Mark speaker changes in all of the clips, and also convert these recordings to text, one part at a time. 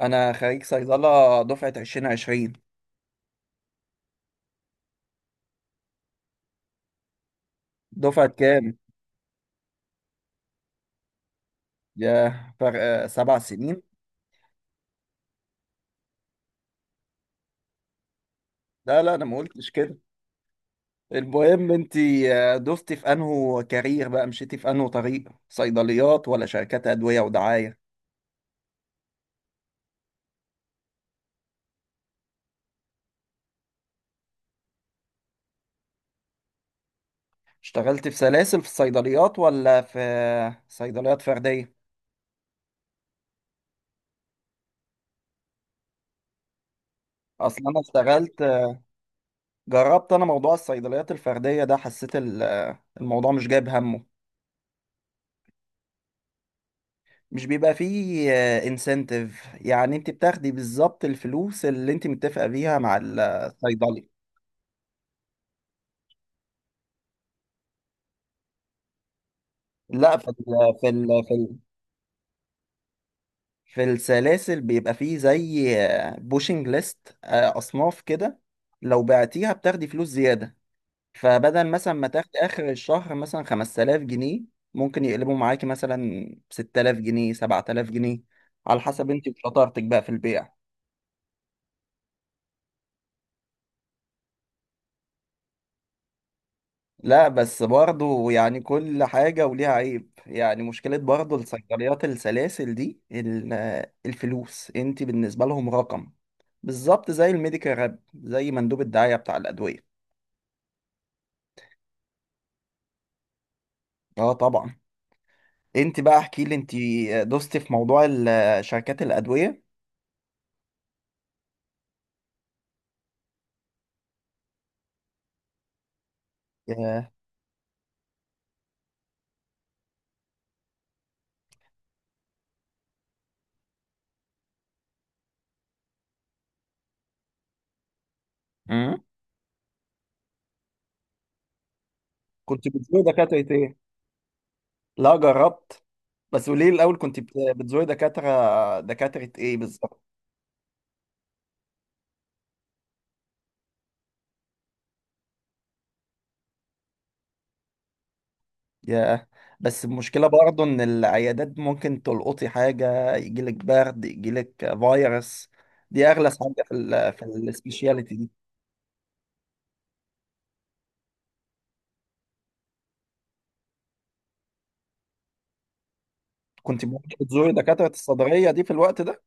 Speaker 1: انا خريج صيدله دفعه 2020. دفعه كام؟ يا فرق 7 سنين. لا، لا، انا ما قلتش كده. المهم انت. دوستي في انهو كارير، بقى مشيتي في انهو طريق، صيدليات ولا شركات ادويه ودعايه؟ اشتغلت في سلاسل في الصيدليات ولا في صيدليات فرديه؟ اصلا انا اشتغلت، جربت انا موضوع الصيدليات الفرديه ده، حسيت الموضوع مش جايب همه. مش بيبقى فيه انسنتيف، يعني انت بتاخدي بالظبط الفلوس اللي انت متفقه بيها مع الصيدلي. لا، في ال في ال في السلاسل بيبقى فيه زي بوشنج ليست اصناف كده. لو بعتيها بتاخدي فلوس زياده، فبدل مثلا ما تاخدي اخر الشهر مثلا 5000 جنيه، ممكن يقلبوا معاكي مثلا 6000 جنيه، 7000 جنيه، على حسب انت وشطارتك بقى في البيع. لا بس برضه، يعني كل حاجة وليها عيب، يعني مشكلة برضه الصيدليات السلاسل دي، الفلوس، انت بالنسبة لهم رقم، بالظبط زي الميديكال راب، زي مندوب الدعاية بتاع الأدوية. اه، طبعا. انت بقى احكي لي، انت دوستي في موضوع شركات الأدوية. ياه. مم. كنت بتزوري دكاترة ايه؟ لا، جربت. بس قولي لي الأول، كنت بتزوري دكاترة ايه بالظبط؟ ياه. بس المشكلة برضه إن العيادات ممكن تلقطي حاجة، يجيلك برد، يجيلك فيروس. دي أغلى حاجة في السبيشياليتي دي. كنت ممكن تزوري دكاترة الصدرية دي في الوقت ده؟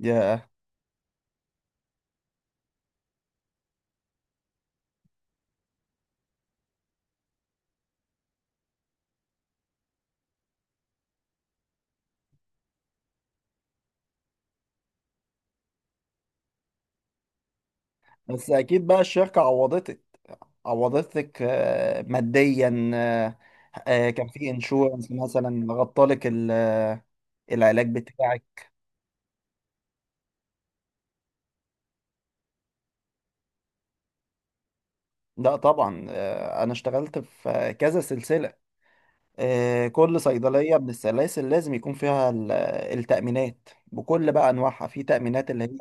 Speaker 1: ياه. بس أكيد بقى الشركة عوضتك. ماديا، كان في انشورنس مثلا غطالك العلاج بتاعك. لا، طبعا، أنا اشتغلت في كذا سلسلة. كل صيدلية من السلاسل لازم يكون فيها التأمينات بكل بقى أنواعها، في تأمينات اللي هي.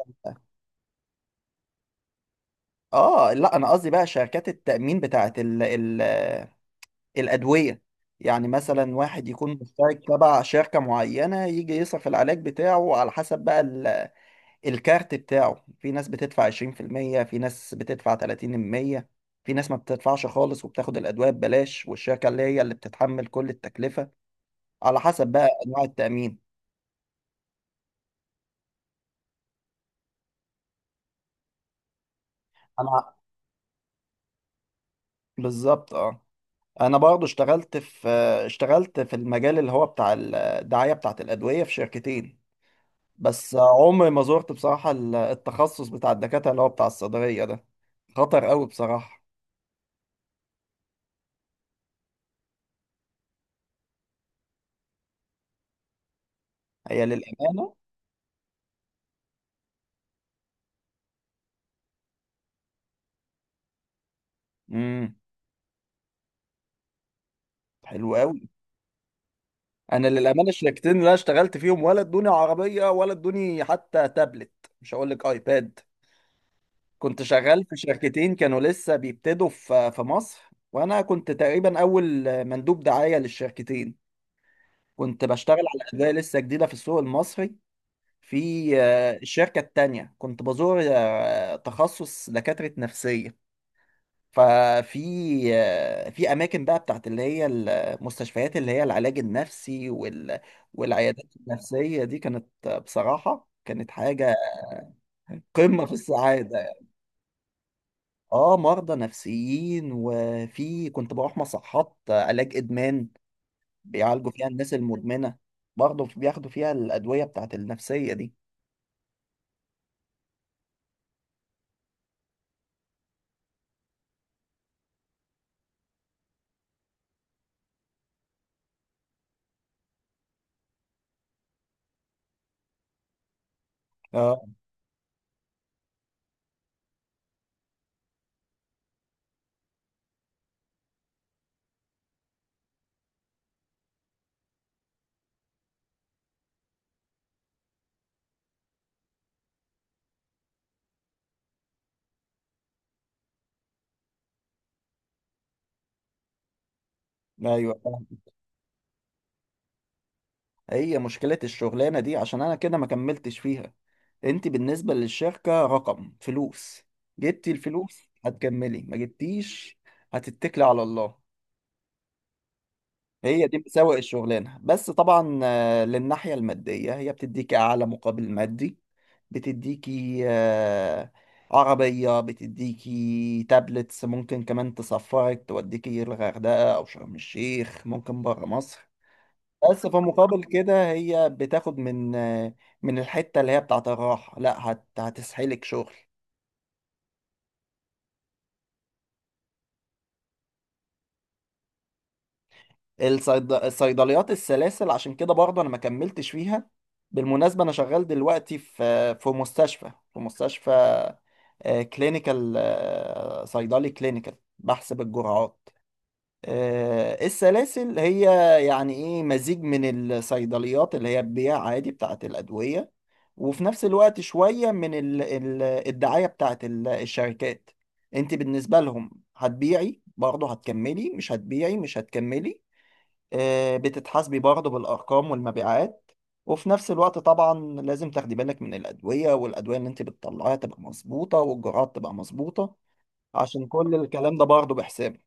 Speaker 1: آه، لا، أنا قصدي بقى شركات التأمين بتاعة الأدوية. يعني مثلا واحد يكون مشترك تبع شركة معينة يجي يصرف العلاج بتاعه على حسب بقى الكارت بتاعه، في ناس بتدفع 20% في المية، في ناس بتدفع 30% في المية، في ناس ما بتدفعش خالص وبتاخد الأدوية ببلاش، والشركة اللي بتتحمل كل التكلفة، على حسب بقى أنواع التأمين. بالظبط، اه. انا برضو اشتغلت في المجال اللي هو بتاع الدعاية بتاعت الأدوية في شركتين. بس عمري ما زرت بصراحة التخصص بتاع الدكاترة اللي هو بتاع الصيدلية ده، خطر قوي بصراحة. هي للأمانة. امم. حلو قوي. انا للأمانة الشركتين اللي انا اشتغلت فيهم ولا ادوني عربية، ولا ادوني حتى تابلت، مش هقول لك ايباد. كنت شغال في شركتين كانوا لسه بيبتدوا في مصر، وانا كنت تقريبا اول مندوب دعاية للشركتين، كنت بشتغل على أداة لسه جديدة في السوق المصري. في الشركة التانية كنت بزور تخصص دكاترة نفسية. ففي في أماكن بقى بتاعت اللي هي المستشفيات، اللي هي العلاج النفسي والعيادات النفسية دي، كانت بصراحة كانت حاجة قمة في السعادة. اه، مرضى نفسيين، وفي كنت بروح مصحات علاج إدمان، بيعالجوا فيها الناس المدمنة، برضه بياخدوا فيها الأدوية بتاعت النفسية دي. آه. ايوه، فاهم. هي مشكلة الشغلانة دي عشان انا كده ما كملتش فيها. انت بالنسبة للشركة رقم، فلوس، جبتي الفلوس هتكملي، ما جبتيش هتتكلي على الله. هي دي مساوئ الشغلانة، بس طبعا للناحية المادية هي بتديكي اعلى مقابل مادي، بتديكي عربية، بتديكي تابلتس، ممكن كمان تسفرك، توديكي الغردقة او شرم الشيخ، ممكن برا مصر. بس في مقابل كده هي بتاخد من الحتة اللي هي بتاعت الراحة، لا، هتسحلك شغل. الصيدليات السلاسل عشان كده برضه انا ما كملتش فيها. بالمناسبة انا شغال دلوقتي في مستشفى، في مستشفى كلينيكال، صيدلي كلينيكال، بحسب الجرعات. السلاسل هي يعني ايه؟ مزيج من الصيدليات اللي هي بتبيع عادي بتاعت الأدوية، وفي نفس الوقت شوية من الدعاية بتاعت الشركات. انت بالنسبة لهم، هتبيعي برضه هتكملي، مش هتبيعي مش هتكملي. بتتحاسبي برضه بالأرقام والمبيعات، وفي نفس الوقت طبعا لازم تاخدي بالك من الأدوية، والأدوية اللي انت بتطلعيها تبقى مظبوطة، والجرعات تبقى مظبوطة، عشان كل الكلام ده برضه بحساب.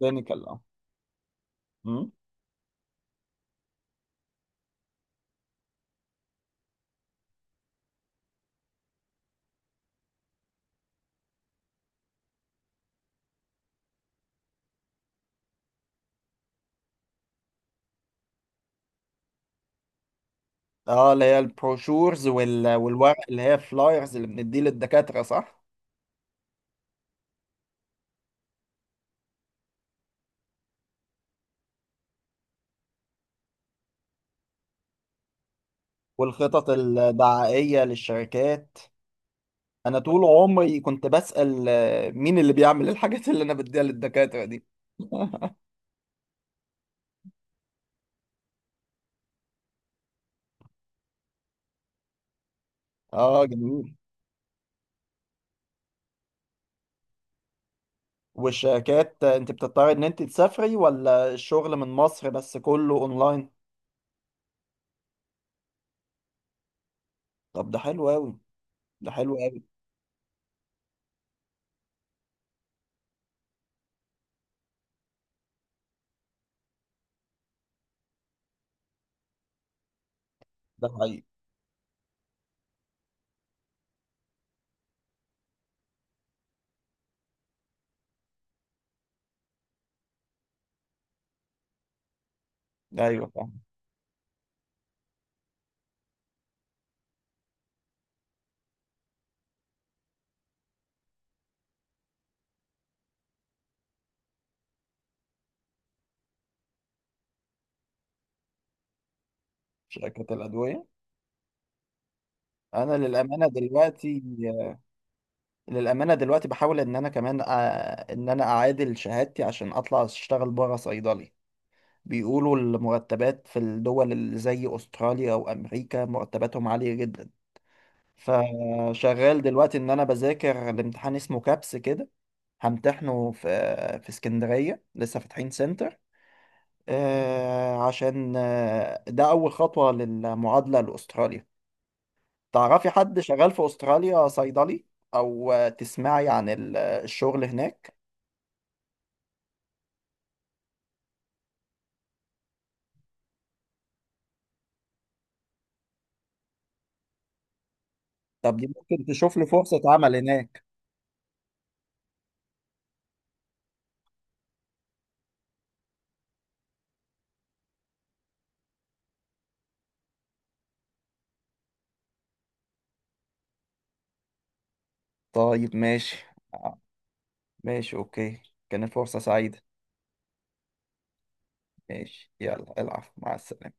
Speaker 1: كلينيكال، اه. اه، اللي هي البروشورز والورق، اللي هي فلايرز اللي بنديه للدكاترة، صح؟ والخطط الدعائية للشركات. انا طول عمري كنت بسأل، مين اللي بيعمل الحاجات اللي انا بديها للدكاترة دي؟ اه، جميل. والشركات، انت بتضطري ان انت تسافري ولا الشغل من مصر بس كله اونلاين؟ طب ده حلو قوي. ده حلو قوي. ده حقيقي. ايوه، فاهم. شركات الادوية. انا للامانة دلوقتي، للأمانة دلوقتي بحاول إن أنا كمان إن أنا أعادل شهادتي عشان أطلع أشتغل برا صيدلي. بيقولوا المرتبات في الدول اللي زي أستراليا أو أمريكا مرتباتهم عالية جدا، فشغال دلوقتي إن أنا بذاكر الامتحان، اسمه كابس كده، همتحنه في اسكندرية، لسه فاتحين سنتر. عشان ده أول خطوة للمعادلة لأستراليا. تعرفي حد شغال في أستراليا صيدلي، أو تسمعي عن الشغل هناك؟ طب دي ممكن تشوف لي فرصة عمل هناك. طيب، ماشي. آه، ماشي، اوكي. كانت فرصة سعيدة. ماشي، يلا، العب، مع السلامة.